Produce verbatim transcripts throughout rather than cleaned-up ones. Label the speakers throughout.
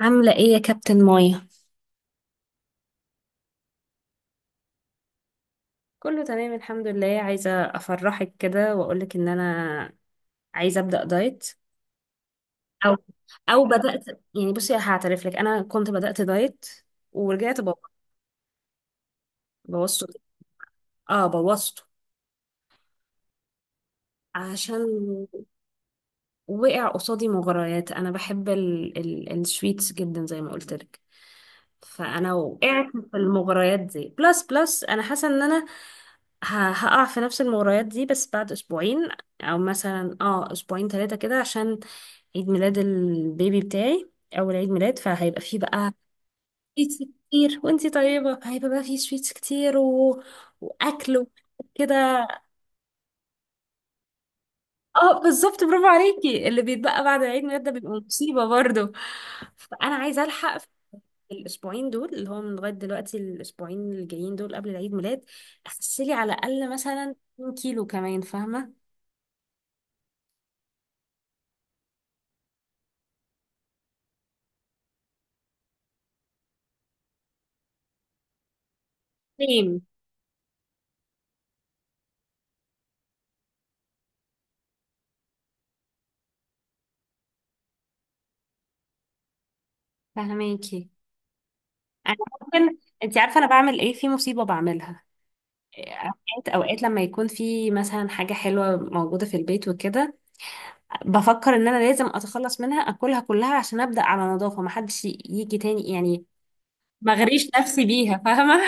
Speaker 1: عاملة ايه يا كابتن مايا؟ كله تمام الحمد لله، عايزة افرحك كده واقولك ان انا عايزة ابدأ دايت. او او بدأت. يعني بصي، هعترف لك انا كنت بدأت دايت ورجعت بو- بوظته. اه، بوظته. عشان وقع قصادي مغريات، انا بحب ال ال السويتس جدا زي ما قلت لك. فانا وقعت في المغريات دي. بلس بلس انا حاسه ان انا ه- هقع في نفس المغريات دي، بس بعد اسبوعين، او مثلا اه اسبوعين ثلاثه كده، عشان عيد ميلاد البيبي بتاعي. اول عيد ميلاد، فهيبقى فيه بقى سويتس كتير. وانتي طيبه، هيبقى بقى فيه سويتس كتير و... واكل وكده. اه، بالظبط. برافو عليكي. اللي بيتبقى بعد العيد ميلاد ده بيبقى مصيبه برضه. فانا عايزه الحق الاسبوعين دول، اللي هو من لغايه دلوقتي الاسبوعين اللي جايين دول قبل العيد ميلاد، اخسلي على الاقل مثلا اتنين كيلو كمان. فاهمه؟ سيم. فاهماكي انا ممكن. انت عارفه انا بعمل ايه في مصيبه بعملها؟ اوقات اوقات لما يكون في مثلا حاجه حلوه موجوده في البيت وكده، بفكر ان انا لازم اتخلص منها، اكلها كلها عشان ابدا على نظافه، ما حدش يجي تاني يعني، ما اغريش نفسي بيها. فاهمه؟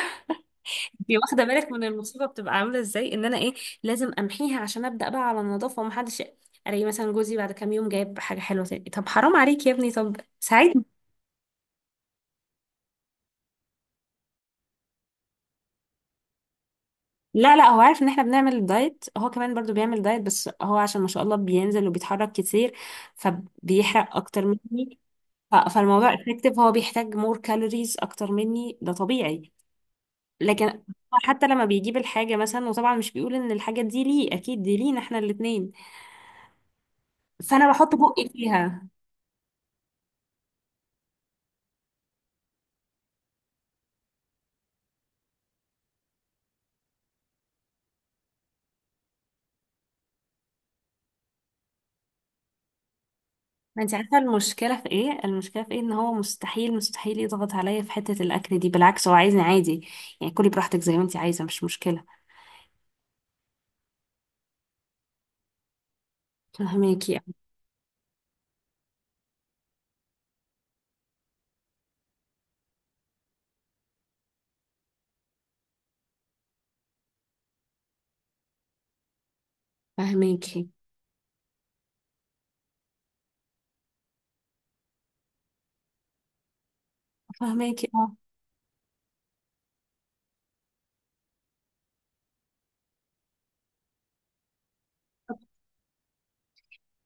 Speaker 1: انتي واخده بالك من المصيبه، بتبقى عامله ازاي؟ ان انا ايه؟ لازم امحيها عشان ابدا بقى على النظافه ومحدش. الاقي مثلا جوزي بعد كام يوم جايب حاجه حلوه تاني، طب حرام عليك يا ابني، طب ساعدني. لا لا، هو عارف ان احنا بنعمل دايت. هو كمان برضو بيعمل دايت، بس هو عشان ما شاء الله بينزل وبيتحرك كتير، فبيحرق اكتر مني. ف- فالموضوع افكتيف، هو بيحتاج مور كالوريز اكتر مني، ده طبيعي. لكن هو حتى لما بيجيب الحاجه مثلا، وطبعا مش بيقول ان الحاجه دي ليه، اكيد دي لينا احنا الاتنين. فانا بحط بقي فيها. ما انت عارفه المشكله في ايه، المشكله في ايه ان هو مستحيل مستحيل يضغط عليا في حته الاكل دي. بالعكس، هو عايزني عادي. يعني كلي براحتك زي ما انت عايزه، مش مشكله. فهماكي. فهماكي. فهماكي. اه،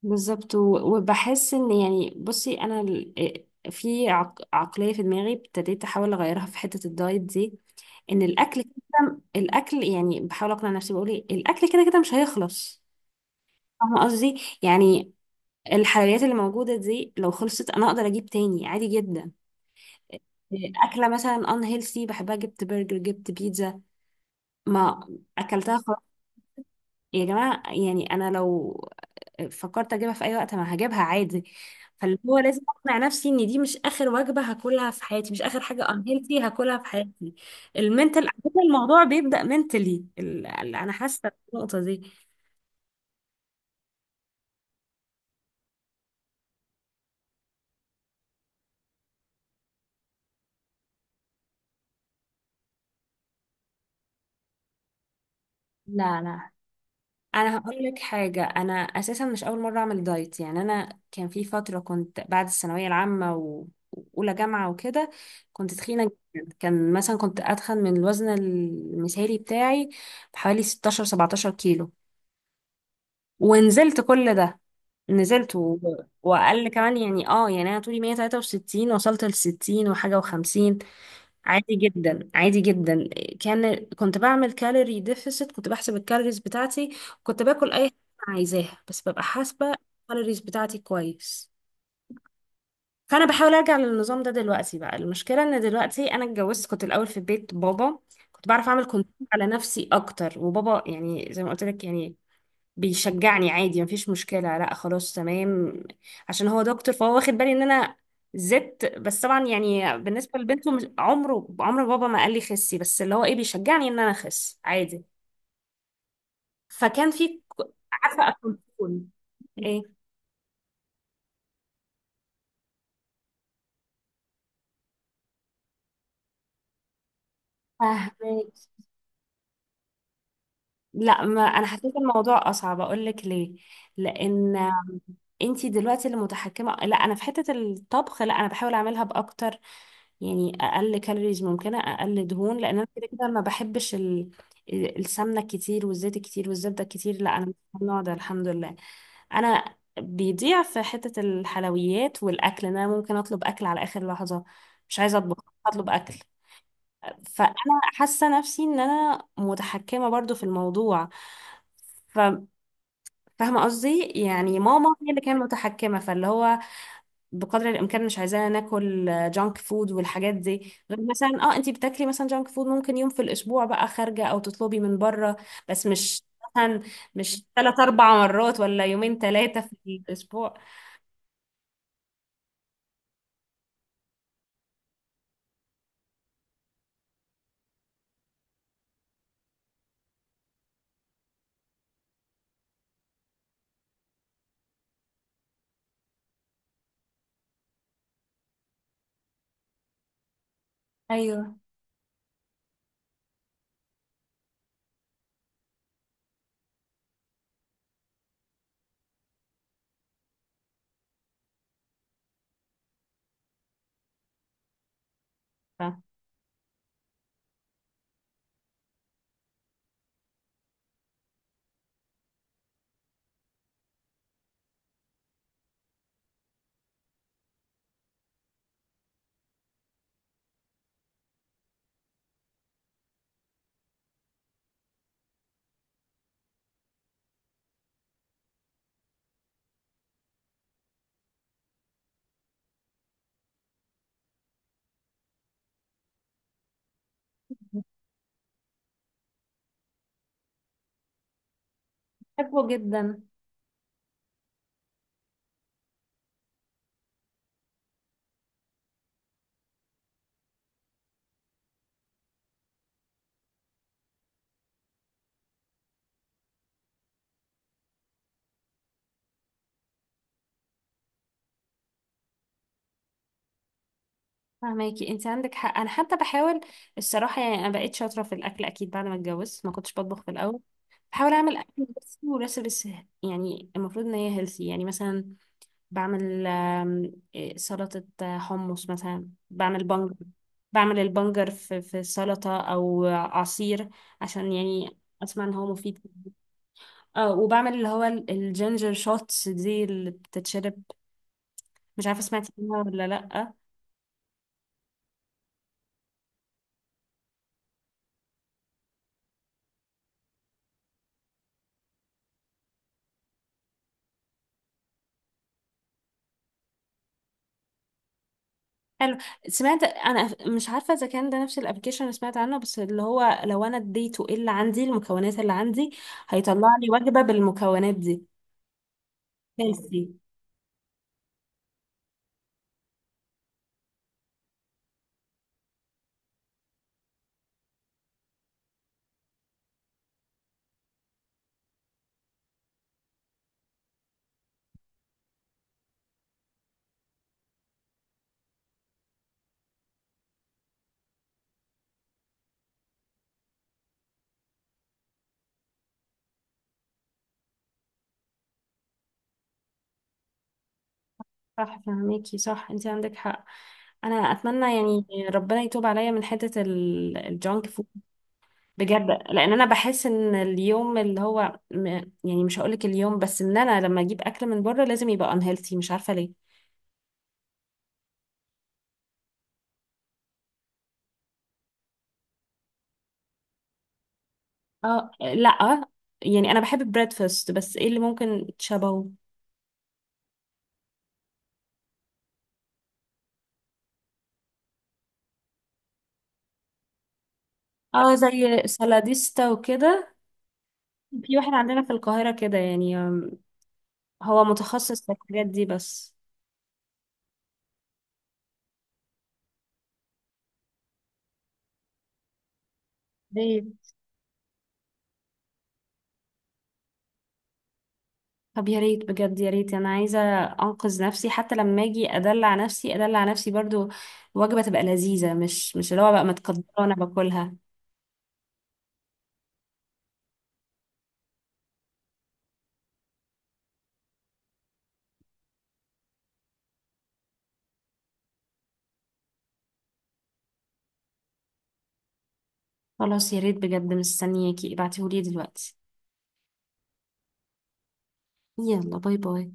Speaker 1: بالظبط. و- وبحس ان، يعني بصي انا ال- آه، في عق- عقليه في دماغي ابتديت احاول اغيرها في حته الدايت دي. ان الاكل كده الاكل، يعني بحاول اقنع نفسي، بقول ايه، الاكل كده كده مش هيخلص. فاهمه قصدي يعني؟ الحلويات اللي موجوده دي لو خلصت، انا اقدر اجيب تاني عادي جدا. اكله مثلا ان هيلثي بحبها، جبت برجر جبت بيتزا، ما اكلتها خلاص. يا جماعه يعني، انا لو فكرت اجيبها في اي وقت ما هجيبها عادي. فاللي هو لازم اقنع نفسي ان دي مش اخر وجبه هاكلها في حياتي، مش اخر حاجه ان هيلثي هاكلها في حياتي. المنتل. الموضوع بيبدا منتلي. انا حاسه النقطه دي. لا لا، انا هقول لك حاجه. انا اساسا مش اول مره اعمل دايت، يعني انا كان في فتره كنت بعد الثانويه العامه و- واولى جامعه وكده، كنت تخينه جدا. كان مثلا كنت اتخن من الوزن المثالي بتاعي بحوالي ستاشر سبعتاشر كيلو. ونزلت كل ده. نزلت و... واقل كمان يعني. اه يعني انا طولي مية وتلاتة وستين، وصلت ل ستين وحاجه وخمسين. عادي جدا عادي جدا. كان كنت بعمل كالوري ديفيسيت، كنت بحسب الكالوريز بتاعتي. كنت باكل اي حاجه أنا عايزاها، بس ببقى حاسبه الكالوريز بتاعتي كويس. فانا بحاول ارجع للنظام ده. دلوقتي بقى المشكله ان دلوقتي انا اتجوزت. كنت الاول في بيت بابا، كنت بعرف اعمل كنترول على نفسي اكتر. وبابا يعني زي ما قلت لك يعني بيشجعني عادي، مفيش مشكلة، لا خلاص تمام. عشان هو دكتور، فهو واخد بالي ان انا زدت. بس طبعا يعني بالنسبة لبنته، مش- عمره عمر بابا ما قال لي خسي، بس اللي هو ايه، بيشجعني ان انا اخس عادي. فكان في ك- عارفة كنترول. ايه؟ فاهمك. لا، ما انا حسيت الموضوع اصعب. اقول لك ليه؟ لان انتي دلوقتي اللي متحكمة، لا انا. في حتة الطبخ لا، انا بحاول اعملها باكتر يعني، اقل كالوريز ممكنه، اقل دهون، لان انا كده كده ما بحبش ال... السمنه كتير والزيت كتير والزبده كتير. لا، انا مش من النوع ده الحمد لله. انا بيضيع في حته الحلويات والاكل، ان انا ممكن اطلب اكل على اخر لحظه، مش عايزه اطبخ، اطلب اكل. فانا حاسه نفسي ان انا متحكمه برضو في الموضوع. ف- فاهمه قصدي يعني؟ ماما هي اللي كانت متحكمه، فاللي هو بقدر الامكان مش عايزانا ناكل جانك فود والحاجات دي. غير مثلا اه انتي بتاكلي مثلا جانك فود ممكن يوم في الاسبوع، بقى خارجه او تطلبي من بره. بس مش مثلا، مش ثلاث اربع مرات ولا يومين ثلاثه في الاسبوع. ايوه. ف- بحبه جدا. فهماكي. انت عندك حق. انا حتى بحاول. الصراحه يعني انا بقيت شاطره في الاكل اكيد بعد ما اتجوزت، ما كنتش بطبخ في الاول. بحاول اعمل اكل بس وريسبس يعني المفروض ان هي هيلثي. يعني مثلا بعمل آم، إيه، سلطة آه، حمص، مثلا بعمل بنجر. بعمل البنجر في في سلطة أو عصير، عشان يعني أسمع إن هو مفيد. اه، وبعمل اللي هو ال- الجينجر شوتس دي اللي بتتشرب. مش عارفة سمعتي عنها ولا لأ؟ حلو. سمعت أنا. مش عارفة إذا كان ده نفس الأبلكيشن اللي سمعت عنه، بس اللي هو لو أنا اديته إيه اللي عندي، المكونات اللي عندي هيطلع لي وجبة بالمكونات دي هيلثي. صح فهميكي. صح، انت عندك حق. انا اتمنى يعني ربنا يتوب عليا من حته ال- الجانك فود بجد. لان انا بحس ان اليوم اللي هو م- يعني مش هقولك اليوم بس، ان انا لما اجيب اكل من بره لازم يبقى unhealthy، مش عارفه ليه. اه، لا. يعني انا بحب البريدفاست، بس ايه اللي ممكن تشبهه؟ اه، زي سلاديستا وكده. في واحد عندنا في القاهره كده، يعني آم، هو متخصص في الحاجات دي بس. ليه؟ طب يا ريت بجد يا ريت، انا عايزه انقذ نفسي، حتى لما اجي ادلع نفسي ادلع نفسي برضو وجبه تبقى لذيذه، مش مش اللي هو بقى متقدره وانا باكلها. خلاص، يا ريت بجد، مستنياكي ابعتيهولي دلوقتي. يلا، باي باي.